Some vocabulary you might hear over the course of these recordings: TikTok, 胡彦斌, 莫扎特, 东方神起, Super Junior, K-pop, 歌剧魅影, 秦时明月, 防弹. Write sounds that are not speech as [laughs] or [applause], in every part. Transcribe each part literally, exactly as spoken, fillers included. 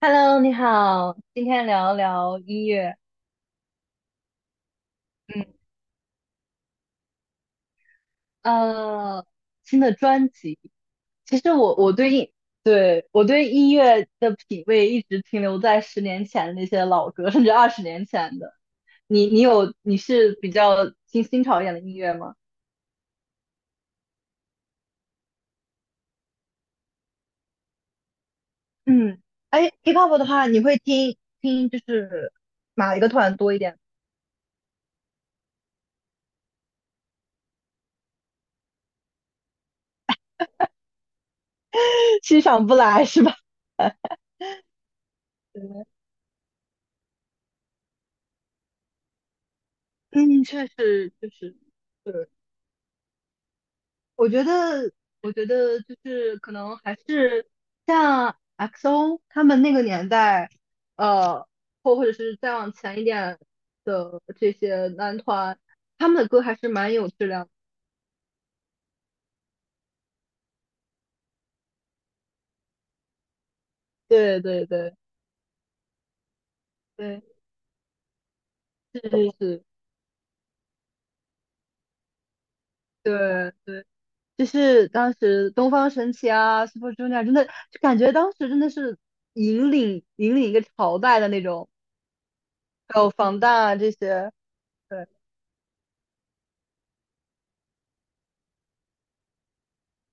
Hello，你好，今天聊聊音乐，嗯，呃，新的专辑。其实我我对音，对，我对音乐的品味一直停留在十年前的那些老歌，甚至二十年前的。你你有你是比较听新潮一点的音乐吗？嗯，哎，K-pop 的话，你会听听就是哪一个团多一点？[laughs] 欣赏不来是吧？[laughs] 对嗯，确实，确实。我觉得，我觉得就是可能还是像 X O 他们那个年代，呃，或或者是再往前一点的这些男团，他们的歌还是蛮有质量的。对对对，对，是是，对对，就是当时东方神起啊，Super Junior 真的就感觉当时真的是引领引领一个朝代的那种，还有防弹啊这些，对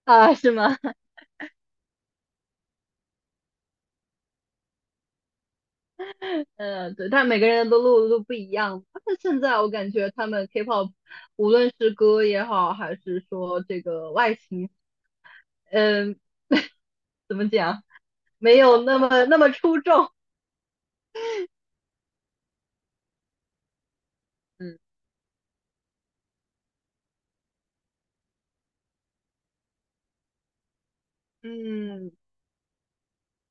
啊，是吗？呃，对，但每个人的路都不一样。但是现在我感觉他们 K-pop，无论是歌也好，还是说这个外形，嗯、怎么讲，没有那么那么出众。嗯嗯，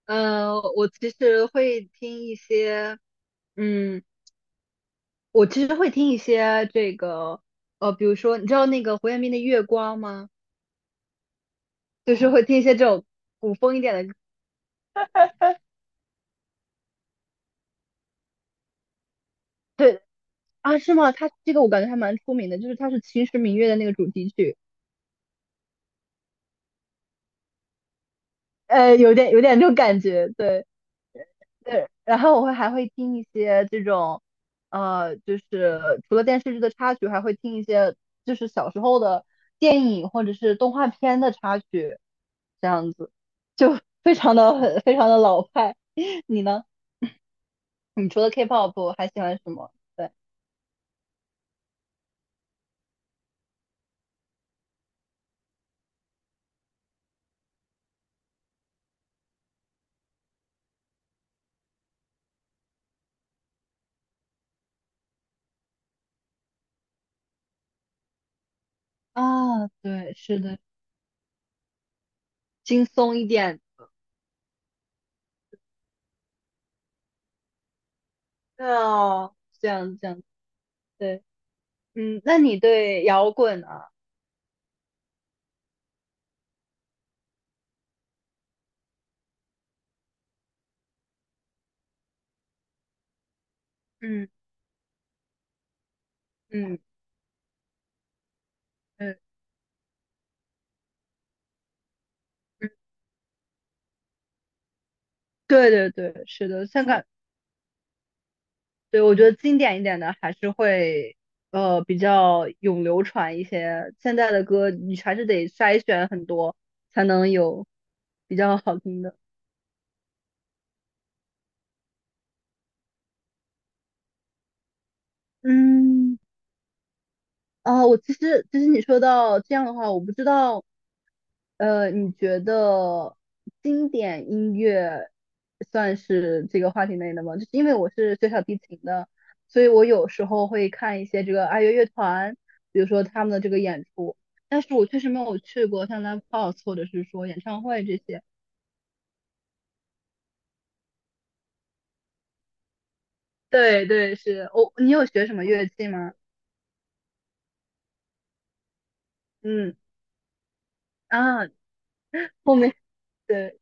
呃，我其实会听一些，嗯，我其实会听一些这个，呃，比如说，你知道那个胡彦斌的《月光》吗？就是会听一些这种古风一点的。对啊，是吗？他这个我感觉还蛮出名的，就是他是《秦时明月》的那个主题曲。呃，有点有点这种感觉，对对。然后我会还会听一些这种，呃，就是除了电视剧的插曲，还会听一些就是小时候的电影或者是动画片的插曲，这样子就 [laughs] 非常的很非常的老派。[laughs] 你呢？你除了 K-pop 还喜欢什么？对啊，对，是的，轻松一点。对哦，这样这样，对，嗯，那你对摇滚啊？嗯嗯嗯嗯。对对对，是的，香港，对，我觉得经典一点的还是会，呃，比较永流传一些。现在的歌你还是得筛选很多，才能有比较好听的。嗯。啊，我其实其实你说到这样的话，我不知道，呃，你觉得经典音乐算是这个话题内的吗？就是因为我是学小提琴的，所以我有时候会看一些这个爱乐乐团，比如说他们的这个演出，但是我确实没有去过像 live house 或者是说演唱会这些。对对，是我、你有学什么乐器吗？嗯啊，后面对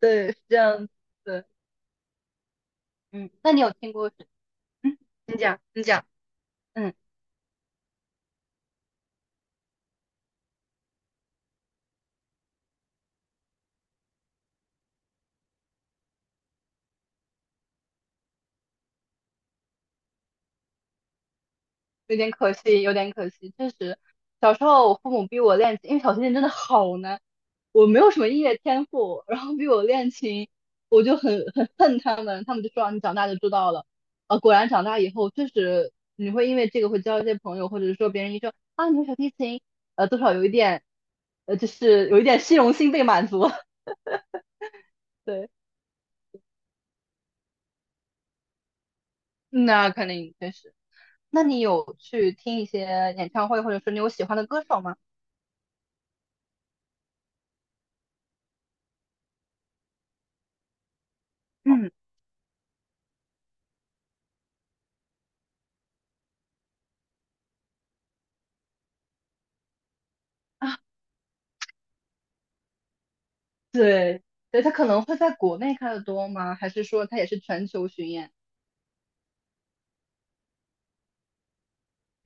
对是这样子，嗯，那你有听过？嗯，你讲，你讲，嗯，有点可惜，有点可惜。确实，小时候我父母逼我练琴，因为小提琴真的好难，我没有什么音乐天赋，然后逼我练琴，我就很很恨他们。他们就说啊你长大就知道了。呃，果然长大以后，确实你会因为这个会交一些朋友，或者是说别人一说啊你会小提琴，呃，多少有一点，呃，就是有一点虚荣心被满足。[laughs] 对，那肯定确实，那你有去听一些演唱会，或者说你有喜欢的歌手吗？嗯。啊，对，对，他可能会在国内开的多吗？还是说他也是全球巡演？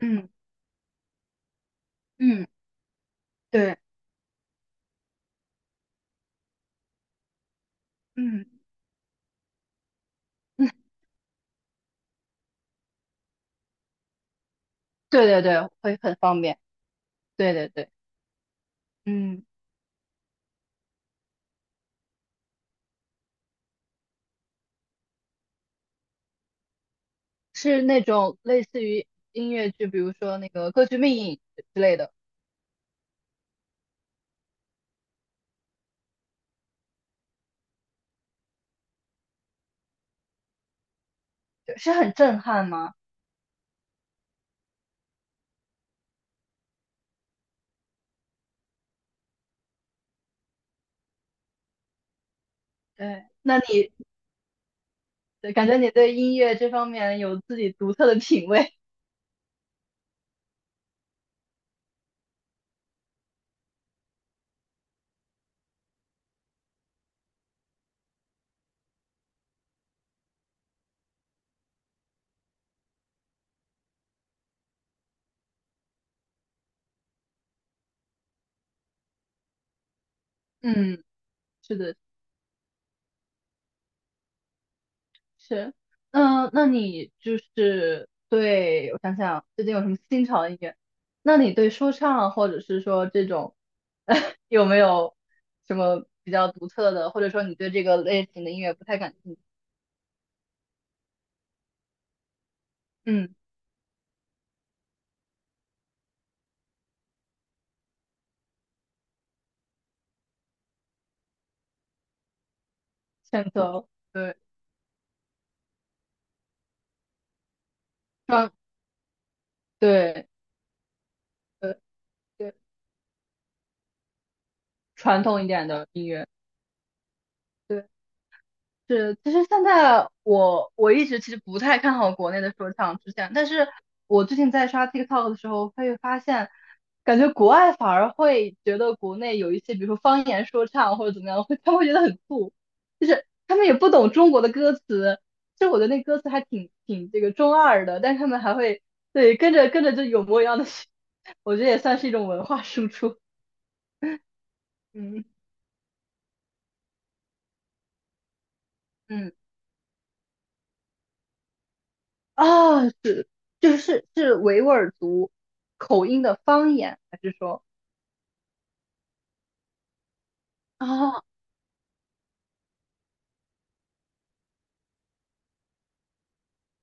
嗯嗯，对，嗯嗯，对对对，会很方便。对对对，嗯，是那种类似于音乐剧，比如说那个《歌剧魅影》之类的，就是很震撼吗？对，那你对感觉你对音乐这方面有自己独特的品味。[laughs] 嗯，是的，是，嗯，那你就是对，我想想，最近有什么新潮的音乐？那你对说唱或者是说这种，[laughs] 有没有什么比较独特的，或者说你对这个类型的音乐不太感兴趣？嗯，选择，对，传，对，对，对，传统一点的音乐，对。是，其实现在我我一直其实不太看好国内的说唱出现，但是我最近在刷 TikTok 的时候，会发现，感觉国外反而会觉得国内有一些，比如说方言说唱或者怎么样，会他们会觉得很酷，就是他们也不懂中国的歌词，就我觉得那歌词还挺挺这个中二的，但是他们还会对跟着跟着就有模有样的，[laughs] 我觉得也算是一种文化输出，嗯。嗯。啊，是就是是是维吾尔族口音的方言，还是说啊？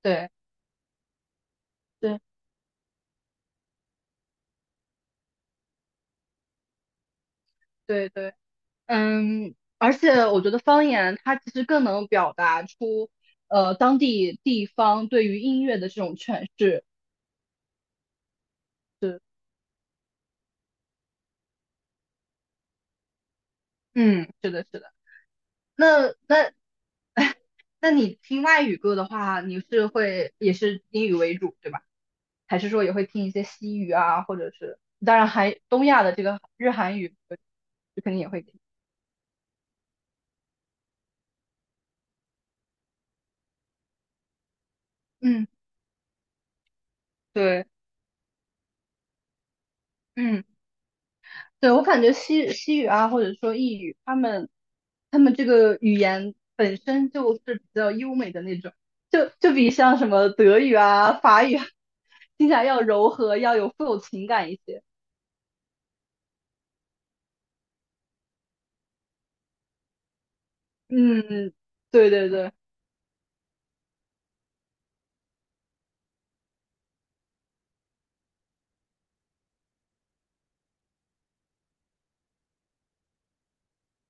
对对对对，嗯，而且我觉得方言它其实更能表达出呃当地地方对于音乐的这种诠释。是，嗯，是的，是的。那那 [laughs] 那你听外语歌的话，你是会也是英语为主，对吧？还是说也会听一些西语啊，或者是当然还东亚的这个日韩语，就肯定也会听。嗯，对，嗯，对，我感觉西西语啊，或者说意语，他们他们这个语言本身就是比较优美的那种，就就比像什么德语啊、法语啊听起来要柔和，要有富有情感一些。嗯，对对对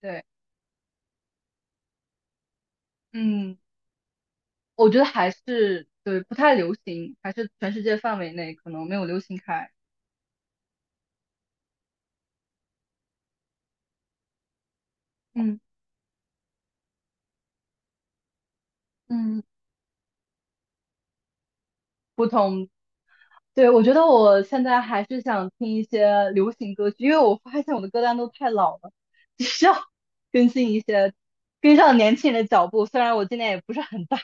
对，嗯，我觉得还是对不太流行，还是全世界范围内可能没有流行开。嗯嗯，对，我觉得我现在还是想听一些流行歌曲，因为我发现我的歌单都太老了，只需要 [laughs] 更新一些，跟上年轻人的脚步。虽然我今年也不是很大，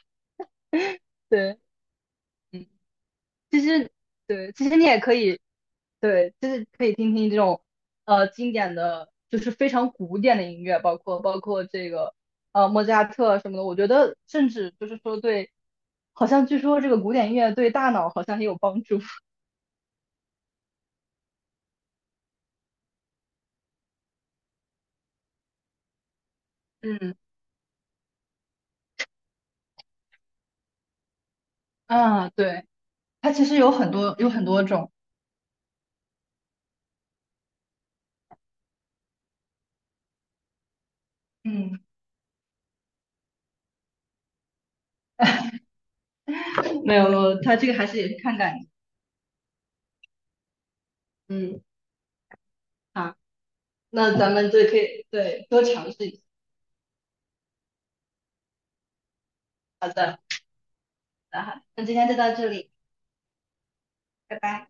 对，嗯，其实对，其实你也可以，对，就是可以听听这种呃经典的，就是非常古典的音乐，包括包括这个呃莫扎特什么的。我觉得甚至就是说对，好像据说这个古典音乐对大脑好像也有帮助。[laughs] 嗯。啊，对，它其实有很多有很多种，嗯，没有，它这个还是也是看感觉。嗯，好，那咱们就可以对多尝试一下。好的，那好，那今天就到这里，拜拜。